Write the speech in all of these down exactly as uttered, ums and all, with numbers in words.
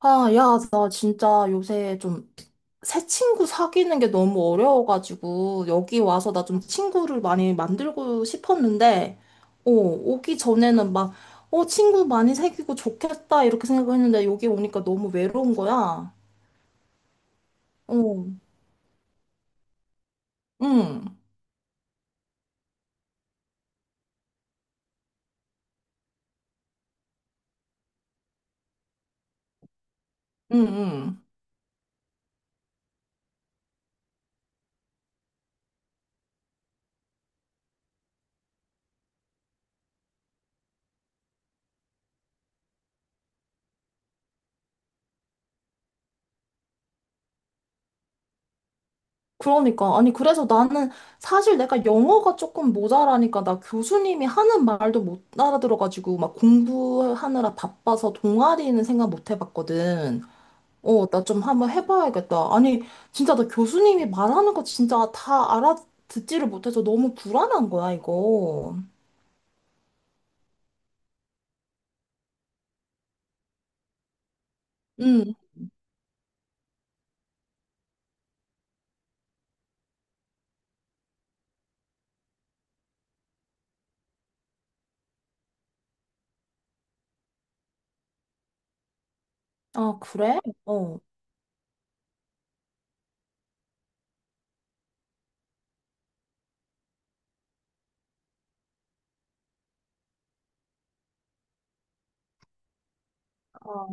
아, 야, 나 진짜 요새 좀 새 친구 사귀는 게 너무 어려워가지고, 여기 와서 나 좀 친구를 많이 만들고 싶었는데, 어, 오기 전에는 막, 어, 친구 많이 사귀고 좋겠다, 이렇게 생각했는데, 여기 오니까 너무 외로운 거야. 어, 응, 응, 응. 그러니까. 아니, 그래서 나는 사실 내가 영어가 조금 모자라니까, 나 교수님이 하는 말도 못 알아들어가지고, 막 공부하느라 바빠서 동아리는 생각 못 해봤거든. 어, 나 좀 한번 해봐야겠다. 아니, 진짜 나 교수님이 말하는 거 진짜 다 알아듣지를 못해서 너무 불안한 거야, 이거. 응. 아, 그래? 어. 어,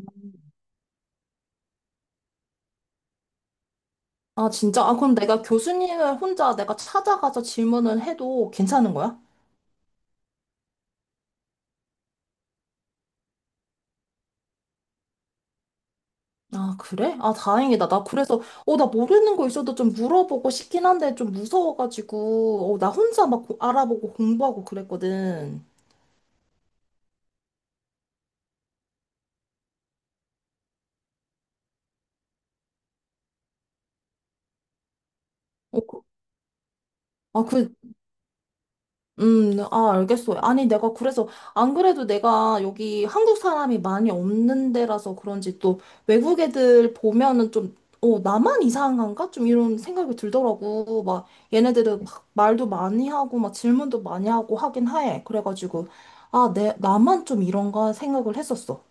아, 아, 진짜? 아, 그럼 내가 교수님을 혼자 내가 찾아가서 질문을 해도 괜찮은 거야? 아, 그래? 아, 다행이다. 나 그래서, 어, 나 모르는 거 있어도 좀 물어보고 싶긴 한데 좀 무서워가지고, 어, 나 혼자 막 고- 알아보고 공부하고 그랬거든. 어. 그- 아, 그, 음, 아, 알겠어. 아니, 내가 그래서, 안 그래도 내가 여기 한국 사람이 많이 없는 데라서 그런지 또 외국 애들 보면은 좀, 어, 나만 이상한가? 좀 이런 생각이 들더라고. 막, 얘네들은 막 말도 많이 하고, 막 질문도 많이 하고 하긴 해. 그래가지고, 아, 내, 나만 좀 이런가 생각을 했었어.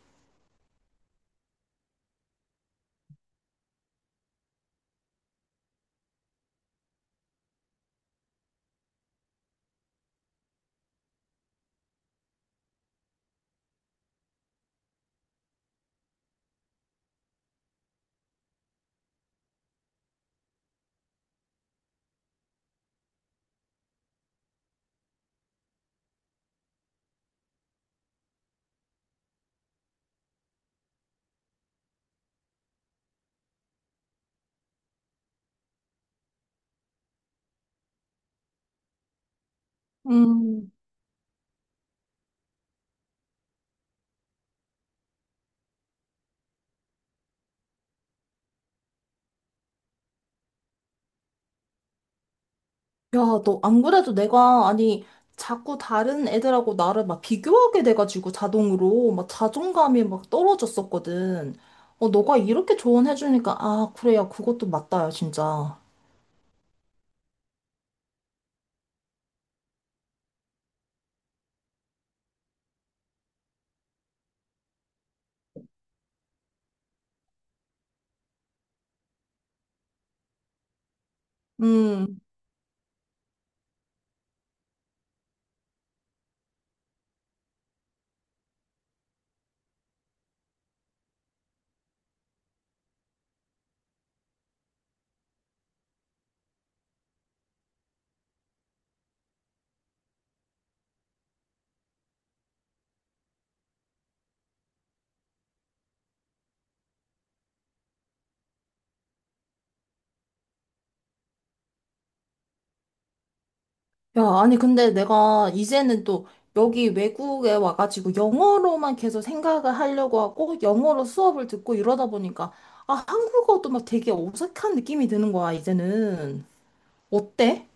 음. 야, 너 안 그래도 내가, 아니, 자꾸 다른 애들하고 나를 막 비교하게 돼가지고 자동으로 막 자존감이 막 떨어졌었거든. 어, 너가 이렇게 조언해주니까, 아, 그래, 야, 그것도 맞다, 야, 진짜. 음. 야, 아니, 근데 내가 이제는 또 여기 외국에 와가지고 영어로만 계속 생각을 하려고 하고 영어로 수업을 듣고 이러다 보니까, 아, 한국어도 막 되게 어색한 느낌이 드는 거야, 이제는. 어때?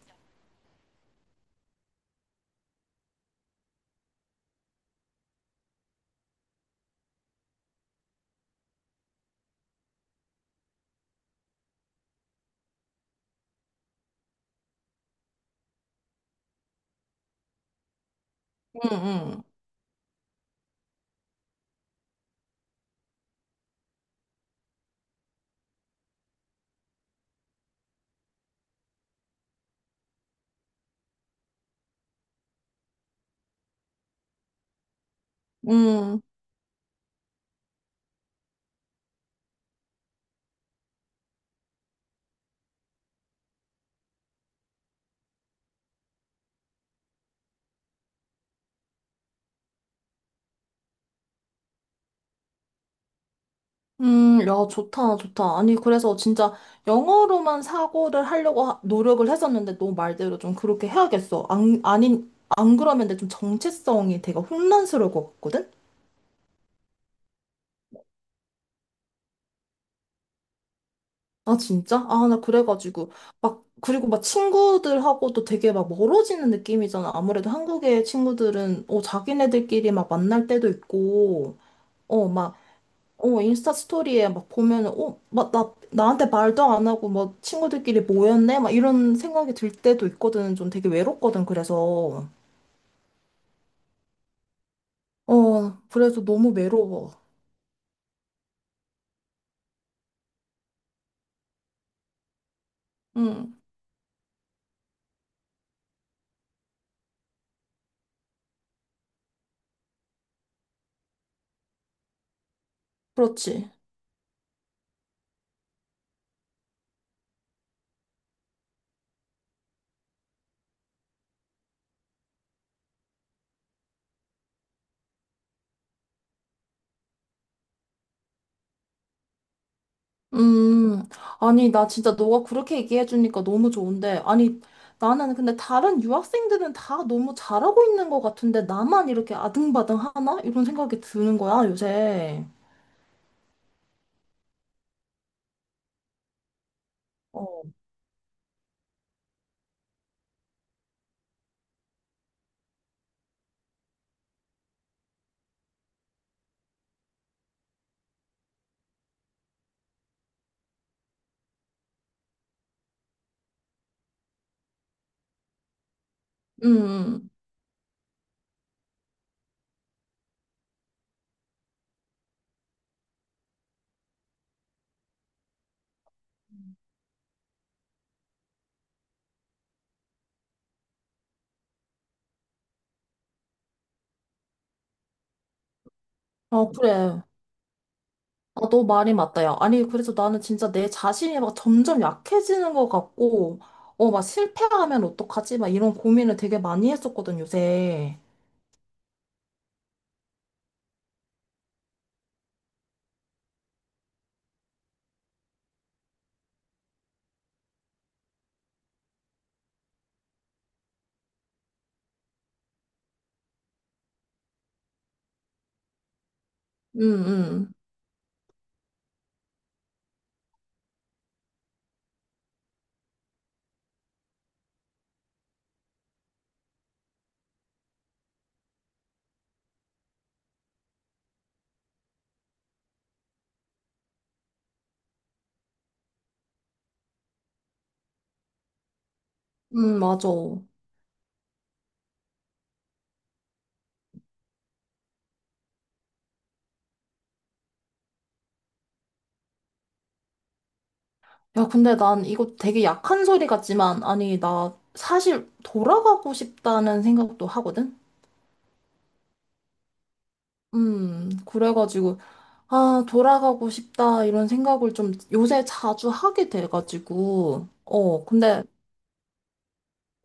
응, 응. 응. 음, 야, 좋다, 좋다. 아니, 그래서 진짜 영어로만 사고를 하려고 하- 노력을 했었는데, 너 말대로 좀 그렇게 해야겠어. 안, 아닌, 안 그러면 내 좀 정체성이 되게 혼란스러울 것 같거든? 아, 진짜? 아, 나 그래가지고. 막, 그리고 막 친구들하고도 되게 막 멀어지는 느낌이잖아. 아무래도 한국의 친구들은, 어, 자기네들끼리 막 만날 때도 있고, 어, 막, 어, 인스타 스토리에 막 보면은, 어, 막 나, 나한테 말도 안 하고, 막 친구들끼리 모였네? 막 이런 생각이 들 때도 있거든. 좀 되게 외롭거든, 그래서. 어, 그래서 너무 외로워. 응, 그렇지. 음, 아니, 나 진짜 너가 그렇게 얘기해주니까 너무 좋은데. 아니, 나는 근데 다른 유학생들은 다 너무 잘하고 있는 것 같은데, 나만 이렇게 아등바등 하나? 이런 생각이 드는 거야, 요새. 어, 음, 음. 어, 그래. 아, 너 말이 맞다, 야. 아니, 그래서 나는 진짜 내 자신이 막 점점 약해지는 것 같고, 어, 막 실패하면 어떡하지? 막 이런 고민을 되게 많이 했었거든, 요새. 응, 응, 응, 맞아. 야, 근데 난 이거 되게 약한 소리 같지만, 아니, 나 사실 돌아가고 싶다는 생각도 하거든? 음, 그래가지고, 아, 돌아가고 싶다, 이런 생각을 좀 요새 자주 하게 돼가지고, 어, 근데,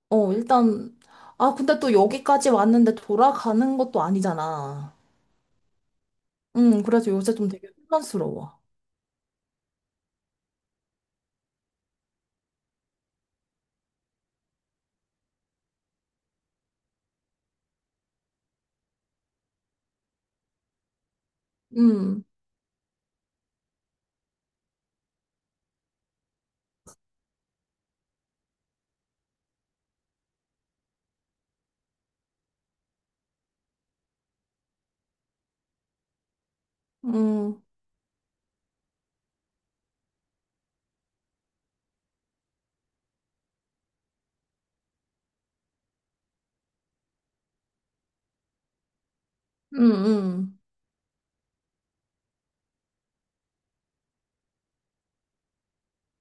어, 일단, 아, 근데 또 여기까지 왔는데 돌아가는 것도 아니잖아. 음, 그래서 요새 좀 되게 혼란스러워. 음, 음, 음, 음.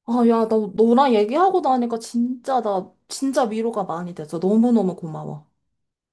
아, 야, 나 너랑 얘기하고 나니까 진짜 나, 진짜 위로가 많이 돼서 너무너무 고마워.